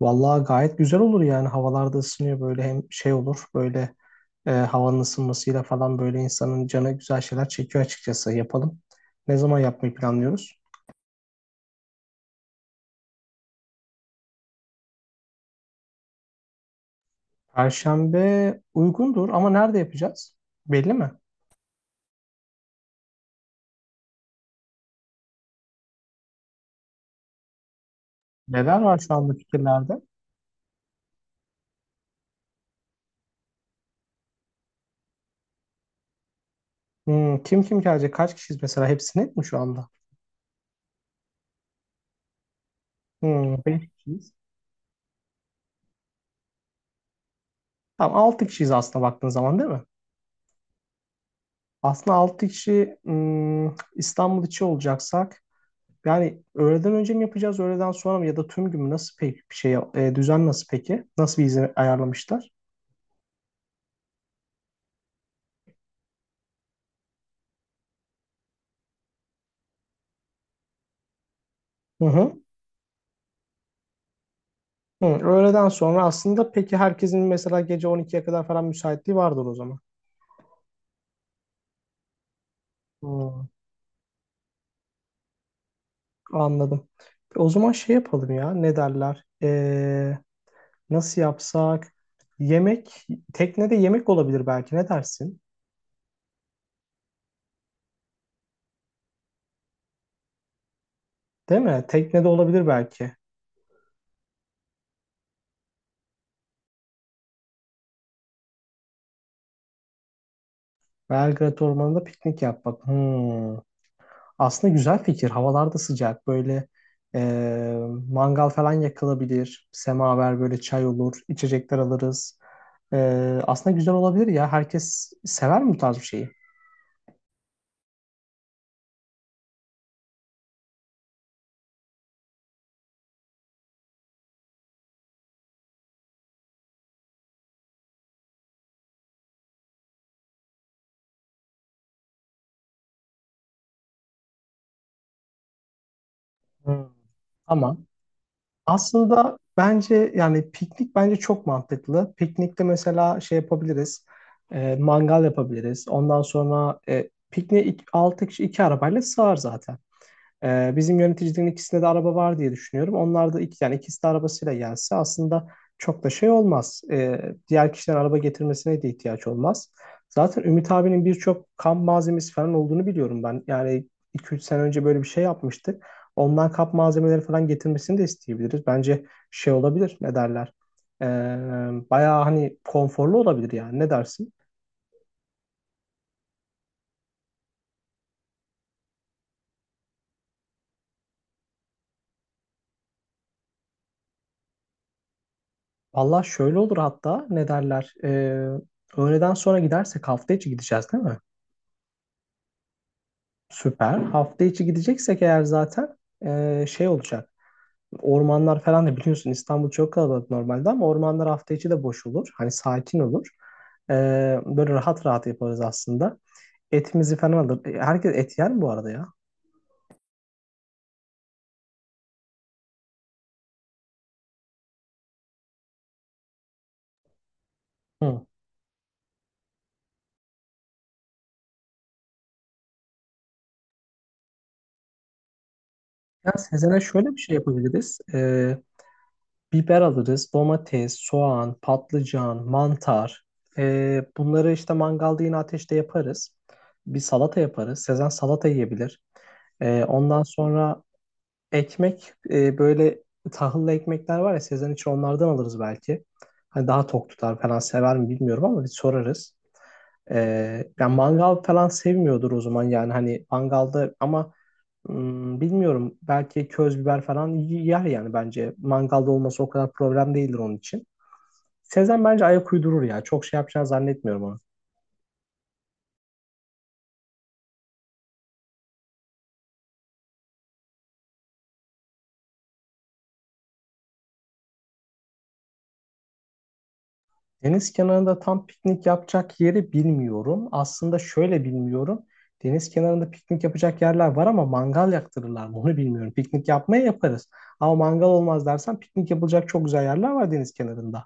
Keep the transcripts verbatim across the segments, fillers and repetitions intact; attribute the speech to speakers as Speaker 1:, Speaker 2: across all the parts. Speaker 1: Vallahi gayet güzel olur yani havalarda ısınıyor böyle hem şey olur böyle e, havanın ısınmasıyla falan böyle insanın canı güzel şeyler çekiyor açıkçası yapalım. Ne zaman yapmayı planlıyoruz? Perşembe uygundur ama nerede yapacağız? Belli mi? Neler var şu anda fikirlerde? Hmm, kim kim gelecek? Kaç kişiyiz mesela? Hepsi net mi şu anda? Hmm, beş kişiyiz. Tamam, altı kişiyiz aslında baktığın zaman, değil mi? Aslında altı kişi hmm, İstanbul içi olacaksak yani öğleden önce mi yapacağız, öğleden sonra mı, ya da tüm gün mü? Nasıl peki bir şey, e, düzen nasıl peki? Nasıl bir izin ayarlamışlar? Hı hı. Hı, öğleden sonra aslında. Peki herkesin mesela gece on ikiye kadar falan müsaitliği vardır o zaman. Hı, anladım. O zaman şey yapalım ya, ne derler? E, nasıl yapsak? Yemek, teknede yemek olabilir belki, ne dersin? Değil mi? Teknede olabilir belki. Belgrad Ormanı'nda piknik yapmak. Hı. Aslında güzel fikir. Havalar da sıcak. Böyle e, mangal falan yakılabilir. Semaver böyle, çay olur. İçecekler alırız. E, Aslında güzel olabilir ya. Herkes sever mi bu tarz bir şeyi? Hmm. Tamam. Aslında bence yani piknik bence çok mantıklı. Piknikte mesela şey yapabiliriz. E, mangal yapabiliriz. Ondan sonra e, pikniğe altı kişi iki arabayla sığar zaten. Ee, bizim yöneticilerin ikisinde de araba var diye düşünüyorum. Onlar da iki, yani ikisi de arabasıyla gelse aslında çok da şey olmaz. Ee, diğer kişilerin araba getirmesine de ihtiyaç olmaz. Zaten Ümit abinin birçok kamp malzemesi falan olduğunu biliyorum ben. Yani iki üç sene önce böyle bir şey yapmıştık. Ondan kamp malzemeleri falan getirmesini de isteyebiliriz. Bence şey olabilir, ne derler? Ee, Bayağı hani konforlu olabilir yani. Ne dersin? Valla şöyle olur hatta, ne derler? Ee, öğleden sonra gidersek hafta içi gideceğiz, değil mi? Süper. Hafta içi gideceksek eğer zaten ee, şey olacak. Ormanlar falan da biliyorsun, İstanbul çok kalabalık normalde ama ormanlar hafta içi de boş olur. Hani sakin olur. Ee, Böyle rahat rahat yaparız aslında. Etimizi falan alır. E, Herkes et yer mi bu arada ya? Hı. Ya Sezen'e şöyle bir şey yapabiliriz. Ee, Biber alırız, domates, soğan, patlıcan, mantar. Ee, bunları işte mangalda yine ateşte yaparız. Bir salata yaparız. Sezen salata yiyebilir. Ee, ondan sonra ekmek, e, böyle tahıllı ekmekler var ya, Sezen için onlardan alırız belki. Hani daha tok tutar falan, sever mi bilmiyorum ama bir sorarız. Ee, yani mangal falan sevmiyordur o zaman yani, hani mangalda ama Hmm, bilmiyorum. Belki köz biber falan y- yer yani bence. Mangalda olması o kadar problem değildir onun için. Sezen bence ayak uydurur ya. Çok şey yapacağını zannetmiyorum onu. Deniz kenarında tam piknik yapacak yeri bilmiyorum. Aslında şöyle bilmiyorum. Deniz kenarında piknik yapacak yerler var ama mangal yaktırırlar mı onu bilmiyorum. Piknik yapmaya yaparız. Ama mangal olmaz dersen piknik yapılacak çok güzel yerler var deniz kenarında.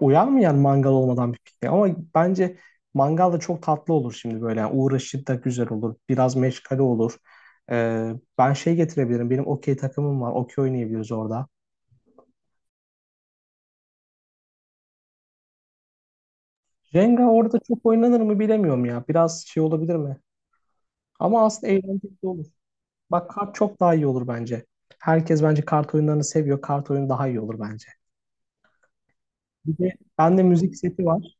Speaker 1: Uyanmayan mangal olmadan bir piknik. Ama bence mangal da çok tatlı olur şimdi böyle. Yani uğraşı da güzel olur. Biraz meşgale olur. Ee, Ben şey getirebilirim. Benim okey takımım var. Okey oynayabiliriz orada. Jenga orada çok oynanır mı bilemiyorum ya. Biraz şey olabilir mi? Ama aslında eğlenceli de olur. Bak, kart çok daha iyi olur bence. Herkes bence kart oyunlarını seviyor. Kart oyunu daha iyi olur bence. Bir de bende müzik seti var.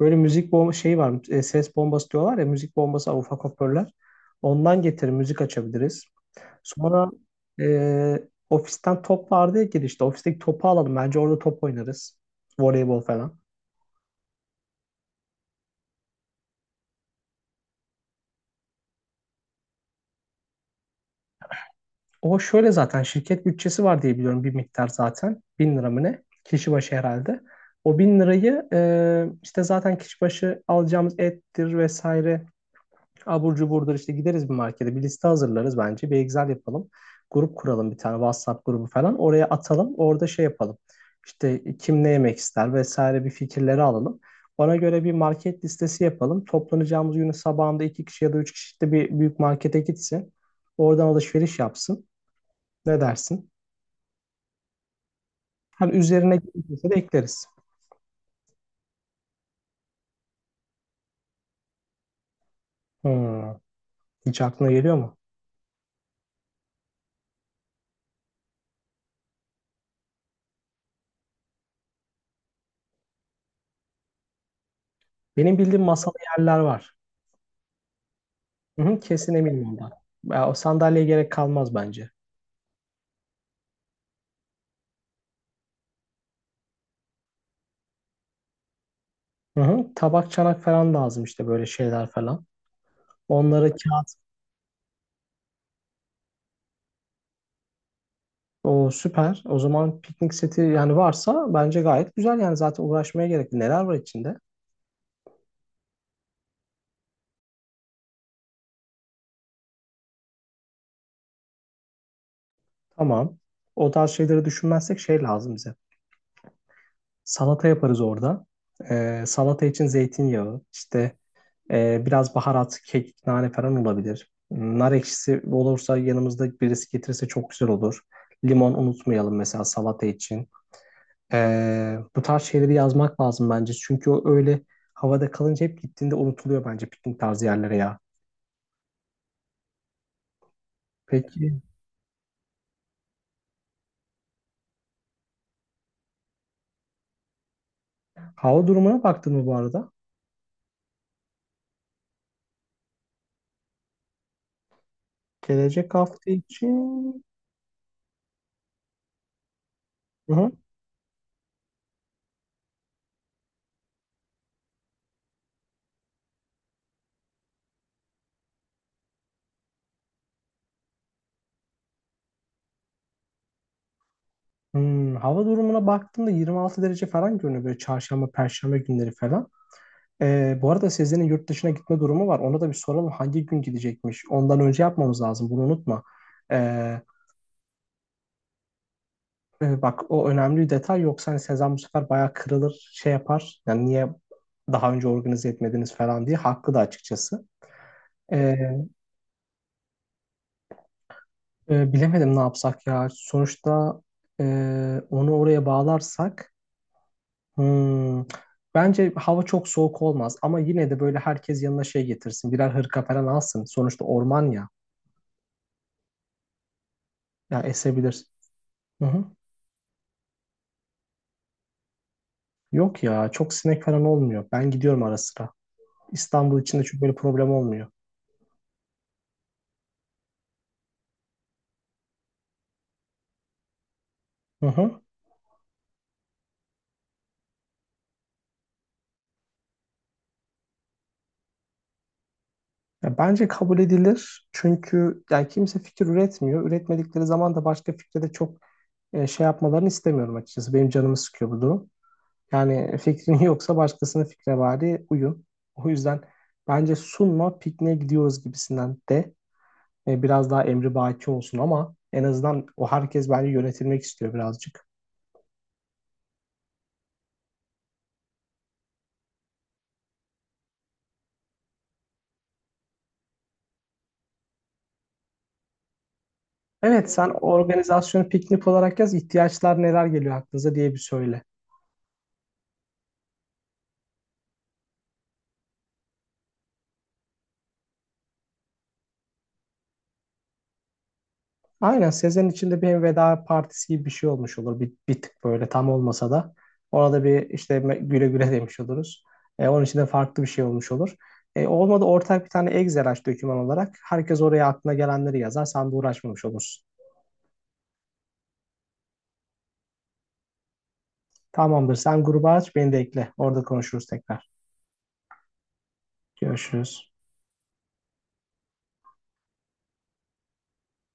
Speaker 1: Böyle müzik bomba şey var. E, ses bombası diyorlar ya. Müzik bombası var, ufak hoparlörler. Ondan getir, müzik açabiliriz. Sonra e, ofisten top vardı ya girişte. Ofisteki topu alalım. Bence orada top oynarız. Voleybol falan. O şöyle, zaten şirket bütçesi var diye biliyorum bir miktar zaten. Bin lira mı ne? Kişi başı herhalde. O bin lirayı e, işte zaten kişi başı alacağımız ettir vesaire, abur cuburdur işte, gideriz bir markete, bir liste hazırlarız bence. Bir Excel yapalım. Grup kuralım, bir tane WhatsApp grubu falan. Oraya atalım. Orada şey yapalım. İşte kim ne yemek ister vesaire, bir fikirleri alalım. Ona göre bir market listesi yapalım. Toplanacağımız günün sabahında iki kişi ya da üç kişi işte bir büyük markete gitsin. Oradan alışveriş yapsın. Ne dersin? Hani üzerine gelirse de ekleriz. Hmm. Hiç aklına geliyor mu? Benim bildiğim masalı yerler var. Hı hı, kesin eminim ondan. Ya, o sandalyeye gerek kalmaz bence. Hı hı. Tabak, çanak falan lazım işte, böyle şeyler falan. Onlara kağıt. O süper. O zaman piknik seti yani, varsa bence gayet güzel yani, zaten uğraşmaya gerek yok. Neler var içinde? Tamam. O tarz şeyleri düşünmezsek şey lazım bize. Salata yaparız orada. Ee, salata için zeytinyağı, işte e, biraz baharat, kekik, nane falan olabilir. Nar ekşisi olursa, yanımızda birisi getirirse çok güzel olur. Limon unutmayalım mesela salata için. Ee, bu tarz şeyleri yazmak lazım bence. Çünkü o öyle havada kalınca hep, gittiğinde unutuluyor bence piknik tarzı yerlere ya. Peki hava durumuna baktın mı bu arada? Gelecek hafta için... Hı hı. Hmm, hava durumuna baktığımda yirmi altı derece falan görünüyor böyle çarşamba, perşembe günleri falan. Ee, bu arada Sezen'in yurt dışına gitme durumu var. Ona da bir soralım hangi gün gidecekmiş. Ondan önce yapmamız lazım bunu, unutma. Ee, Evet, bak, o önemli bir detay. Yoksa hani Sezen bu sefer bayağı kırılır, şey yapar yani, niye daha önce organize etmediniz falan diye haklı da açıkçası. Ee, e, Bilemedim, ne yapsak ya sonuçta. e, Onu oraya bağlarsak hmm, bence hava çok soğuk olmaz ama yine de böyle herkes yanına şey getirsin, birer hırka falan alsın, sonuçta orman ya, ya esebilir. Hı hı. Yok ya, çok sinek falan olmuyor, ben gidiyorum ara sıra İstanbul içinde, çünkü böyle problem olmuyor. Hı hı. Ya bence kabul edilir. Çünkü yani kimse fikir üretmiyor. Üretmedikleri zaman da başka fikre de çok e, şey yapmalarını istemiyorum açıkçası. Benim canımı sıkıyor bu durum. Yani fikrin yoksa başkasının fikre bari uyun. O yüzden bence sunma, pikniğe gidiyoruz gibisinden de e, biraz daha emri baki olsun ama en azından, o herkes bence yönetilmek istiyor birazcık. Evet, sen organizasyonu piknik olarak yaz, ihtiyaçlar neler geliyor aklınıza diye bir söyle. Aynen, sezenin içinde bir hem veda partisi gibi bir şey olmuş olur. Bir, bir tık böyle, tam olmasa da. Ona da bir işte me- güle güle demiş oluruz. E, onun için de farklı bir şey olmuş olur. E, olmadı ortak bir tane Excel aç doküman olarak. Herkes oraya aklına gelenleri yazar. Sen de uğraşmamış olursun. Tamamdır. Sen gruba aç, beni de ekle. Orada konuşuruz tekrar. Görüşürüz.